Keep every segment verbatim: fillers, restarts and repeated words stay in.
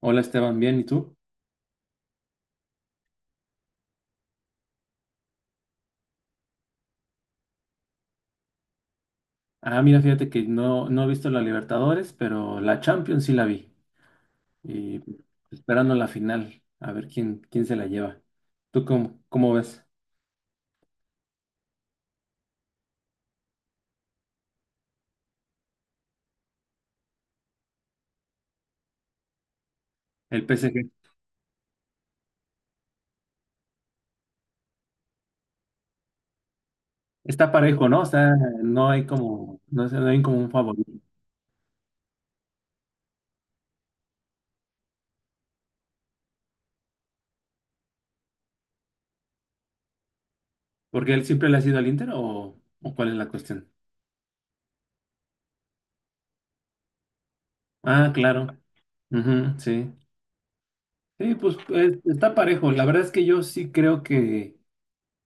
Hola Esteban, bien, ¿y tú? Ah, mira, fíjate que no, no he visto la Libertadores, pero la Champions sí la vi. Y esperando la final, a ver quién, quién se la lleva. ¿Tú cómo, cómo ves? El P S G. Está parejo, ¿no? O sea, no hay como, no sé, no hay como un favorito. ¿Porque él siempre le ha sido al Inter o, o cuál es la cuestión? Ah, claro. Ujú, sí. Sí, pues, pues, está parejo. La verdad es que yo sí creo que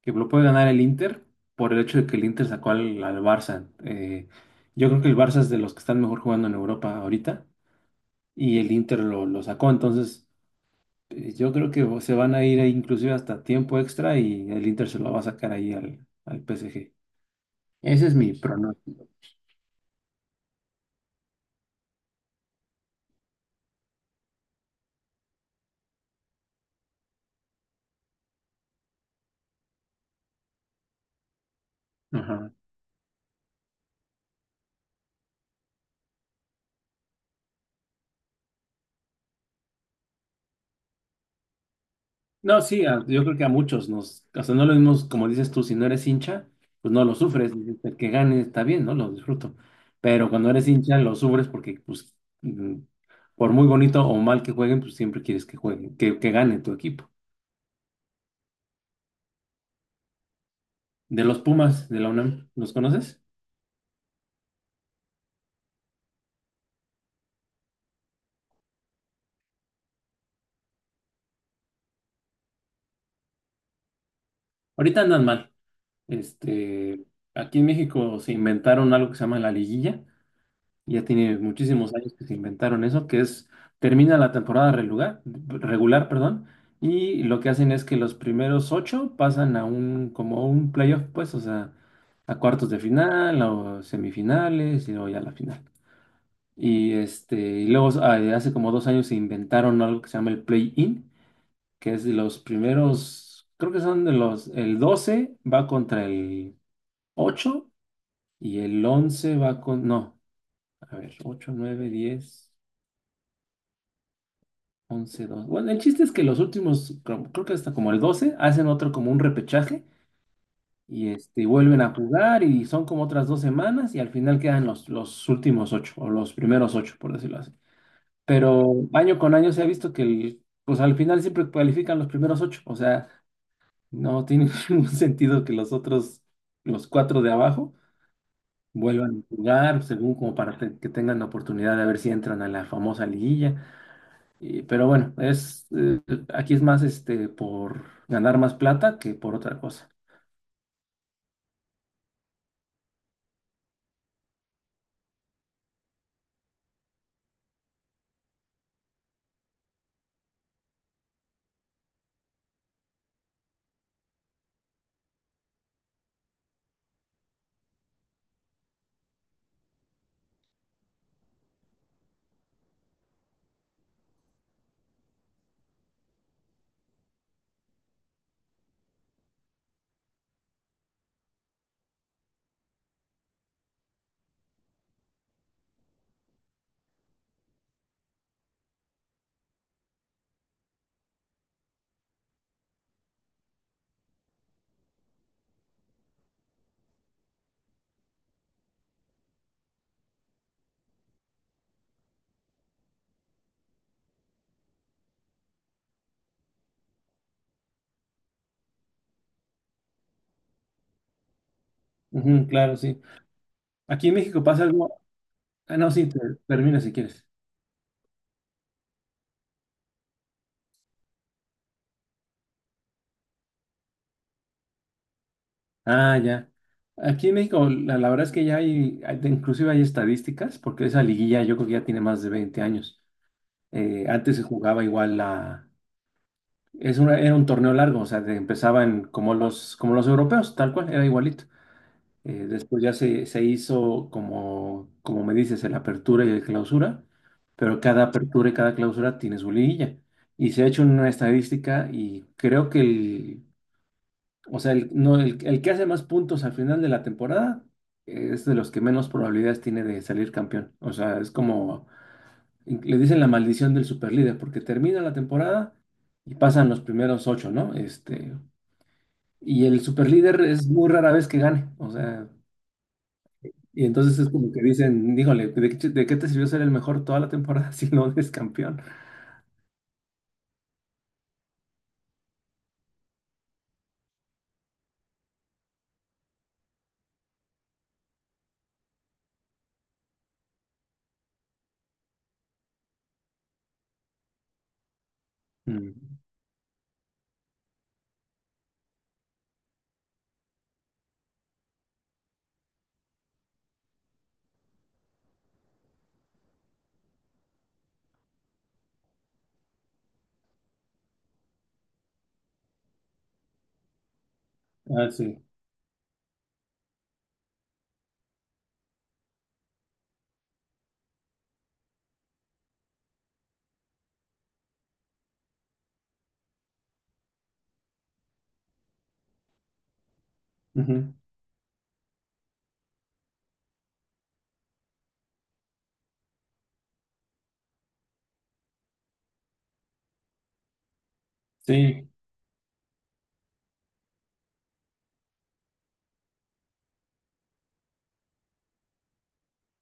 que lo puede ganar el Inter por el hecho de que el Inter sacó al, al Barça. Eh, yo creo que el Barça es de los que están mejor jugando en Europa ahorita y el Inter lo, lo sacó. Entonces, eh, yo creo que se van a ir ahí inclusive hasta tiempo extra y el Inter se lo va a sacar ahí al, al P S G. Ese es mi pronóstico. Ajá. No, sí, a- yo creo que a muchos nos, o sea, no lo mismo, como dices tú, si no eres hincha, pues no lo sufres, dices, el que gane está bien, ¿no? Lo disfruto. Pero cuando eres hincha lo sufres porque, pues, mm, por muy bonito o mal que jueguen, pues siempre quieres que jueguen, que, que gane tu equipo. De los Pumas de la UNAM, ¿los conoces? Ahorita andan mal. Este, aquí en México se inventaron algo que se llama la liguilla. Ya tiene muchísimos años que se inventaron eso, que es, termina la temporada relugar- regular, perdón, y lo que hacen es que los primeros ocho pasan a un, como un playoff, pues, o sea, a cuartos de final, o semifinales, y luego ya la final. Y este, y luego ah, hace como dos años se inventaron algo que se llama el play-in, que es de los primeros, creo que son de los, el doce va contra el ocho y el once va con, no, a ver, ocho nueve diez once dos. Bueno, el chiste es que los últimos, creo creo que hasta como el doce hacen otro como un repechaje y este, vuelven a jugar y son como otras dos semanas y al final quedan los, los últimos ocho o los primeros ocho, por decirlo así. Pero año con año se ha visto que el- pues al final siempre cualifican los primeros ocho, o sea, no tiene ningún sentido que los otros, los cuatro de abajo, vuelvan a jugar según como para te- que tengan la oportunidad de ver si entran a la famosa liguilla. Y- pero bueno, es, eh, aquí es más este, por ganar más plata que por otra cosa. Ujú, claro, sí. Aquí en México pasa algo. Ah, no, sí, te, termina si quieres. Ah, ya. Aquí en México, la, la verdad es que ya hay, hay- inclusive hay estadísticas, porque esa liguilla yo creo que ya tiene más de veinte años. Eh, antes se jugaba igual la... Es una, era un torneo largo, o sea, de- empezaba en- como los, como los europeos, tal cual, era igualito. Eh, después ya se, se hizo como, como me dices, el apertura y el clausura, pero cada apertura y cada clausura tiene su liguilla. Y se ha hecho una estadística y creo que el, o sea, el, no, el, el que hace más puntos al final de la temporada eh, es de los que menos probabilidades tiene de salir campeón. O sea, es como, in- le dicen la maldición del superlíder, porque termina la temporada y pasan los primeros ocho, ¿no? Este, y el superlíder es muy rara vez que gane. O sea... Y entonces es como que dicen, dígale, ¿de, qué de qué te sirvió ser el mejor toda la temporada si no eres campeón? Mm. Ah, sí. Ujú. Sí,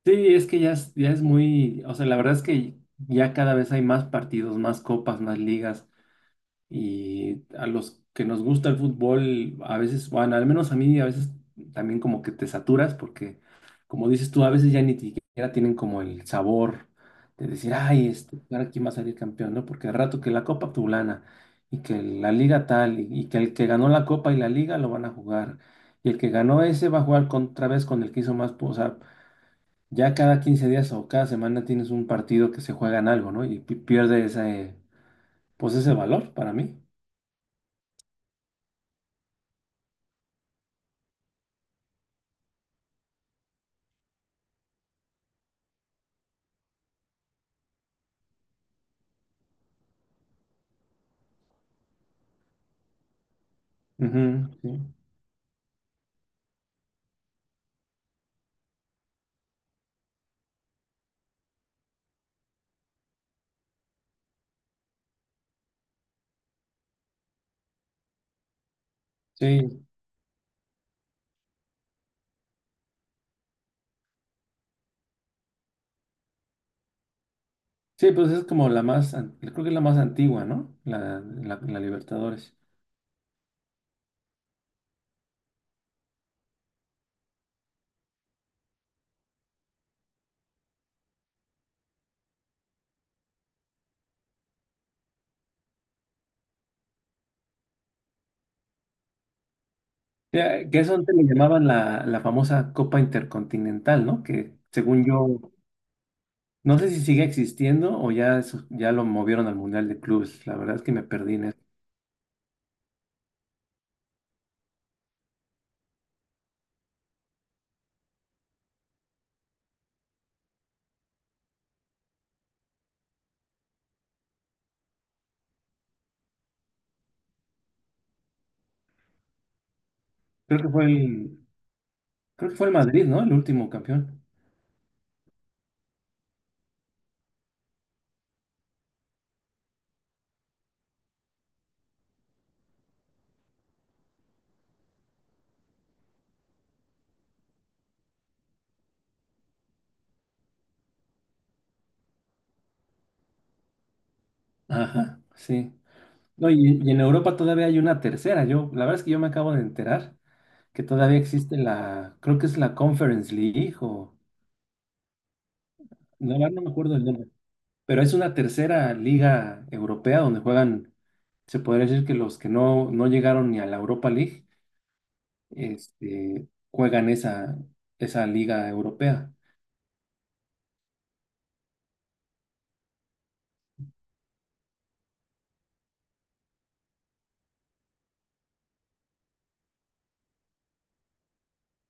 sí, es que ya es, ya es muy, o sea, la verdad es que ya cada vez hay más partidos, más copas, más ligas. Y a los que nos gusta el fútbol, a veces, bueno, al menos a mí, a veces también como que te saturas porque, como dices tú, a veces ya ni siquiera tienen como el sabor de decir, ay, este, ahora quién va a salir campeón, ¿no? Porque al rato que la Copa Tulana y que la Liga tal y, y que el que ganó la Copa y la Liga lo van a jugar y el que ganó ese va a jugar con- otra vez con el que hizo más, pu- o sea, ya cada quince días o cada semana tienes un partido que se juega en algo, ¿no? Y pi- pierde ese, pues ese valor para mí. Ujú, sí, sí, sí, pues es como la más, an- creo que es la más antigua, ¿no? La, la, la Libertadores. Que, eh, que eso antes le llamaban la, la famosa Copa Intercontinental, ¿no? Que según yo, no sé si sigue existiendo o ya, eso- ya lo movieron al Mundial de Clubes. La verdad es que me perdí en eso. Creo que fue el, creo que fue el Madrid, ¿no? El último campeón. Ajá, sí. No, y, y en Europa todavía hay una tercera. Yo, la verdad es que yo me acabo de enterar que todavía existe la, creo que es la Conference League o... La verdad no me acuerdo del nombre, pero es una tercera liga europea donde juegan, se podría decir que los que no, no llegaron ni a la Europa League, este, juegan esa, esa liga europea.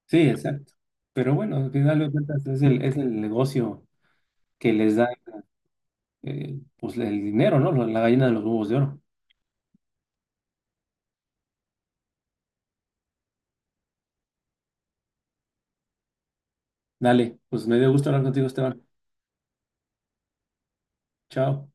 Sí, exacto. Pero bueno, al final de cuentas es el, es el negocio que les da eh, pues el dinero, ¿no? La gallina de los huevos de oro. Dale, pues me dio gusto hablar contigo, Esteban. Chao.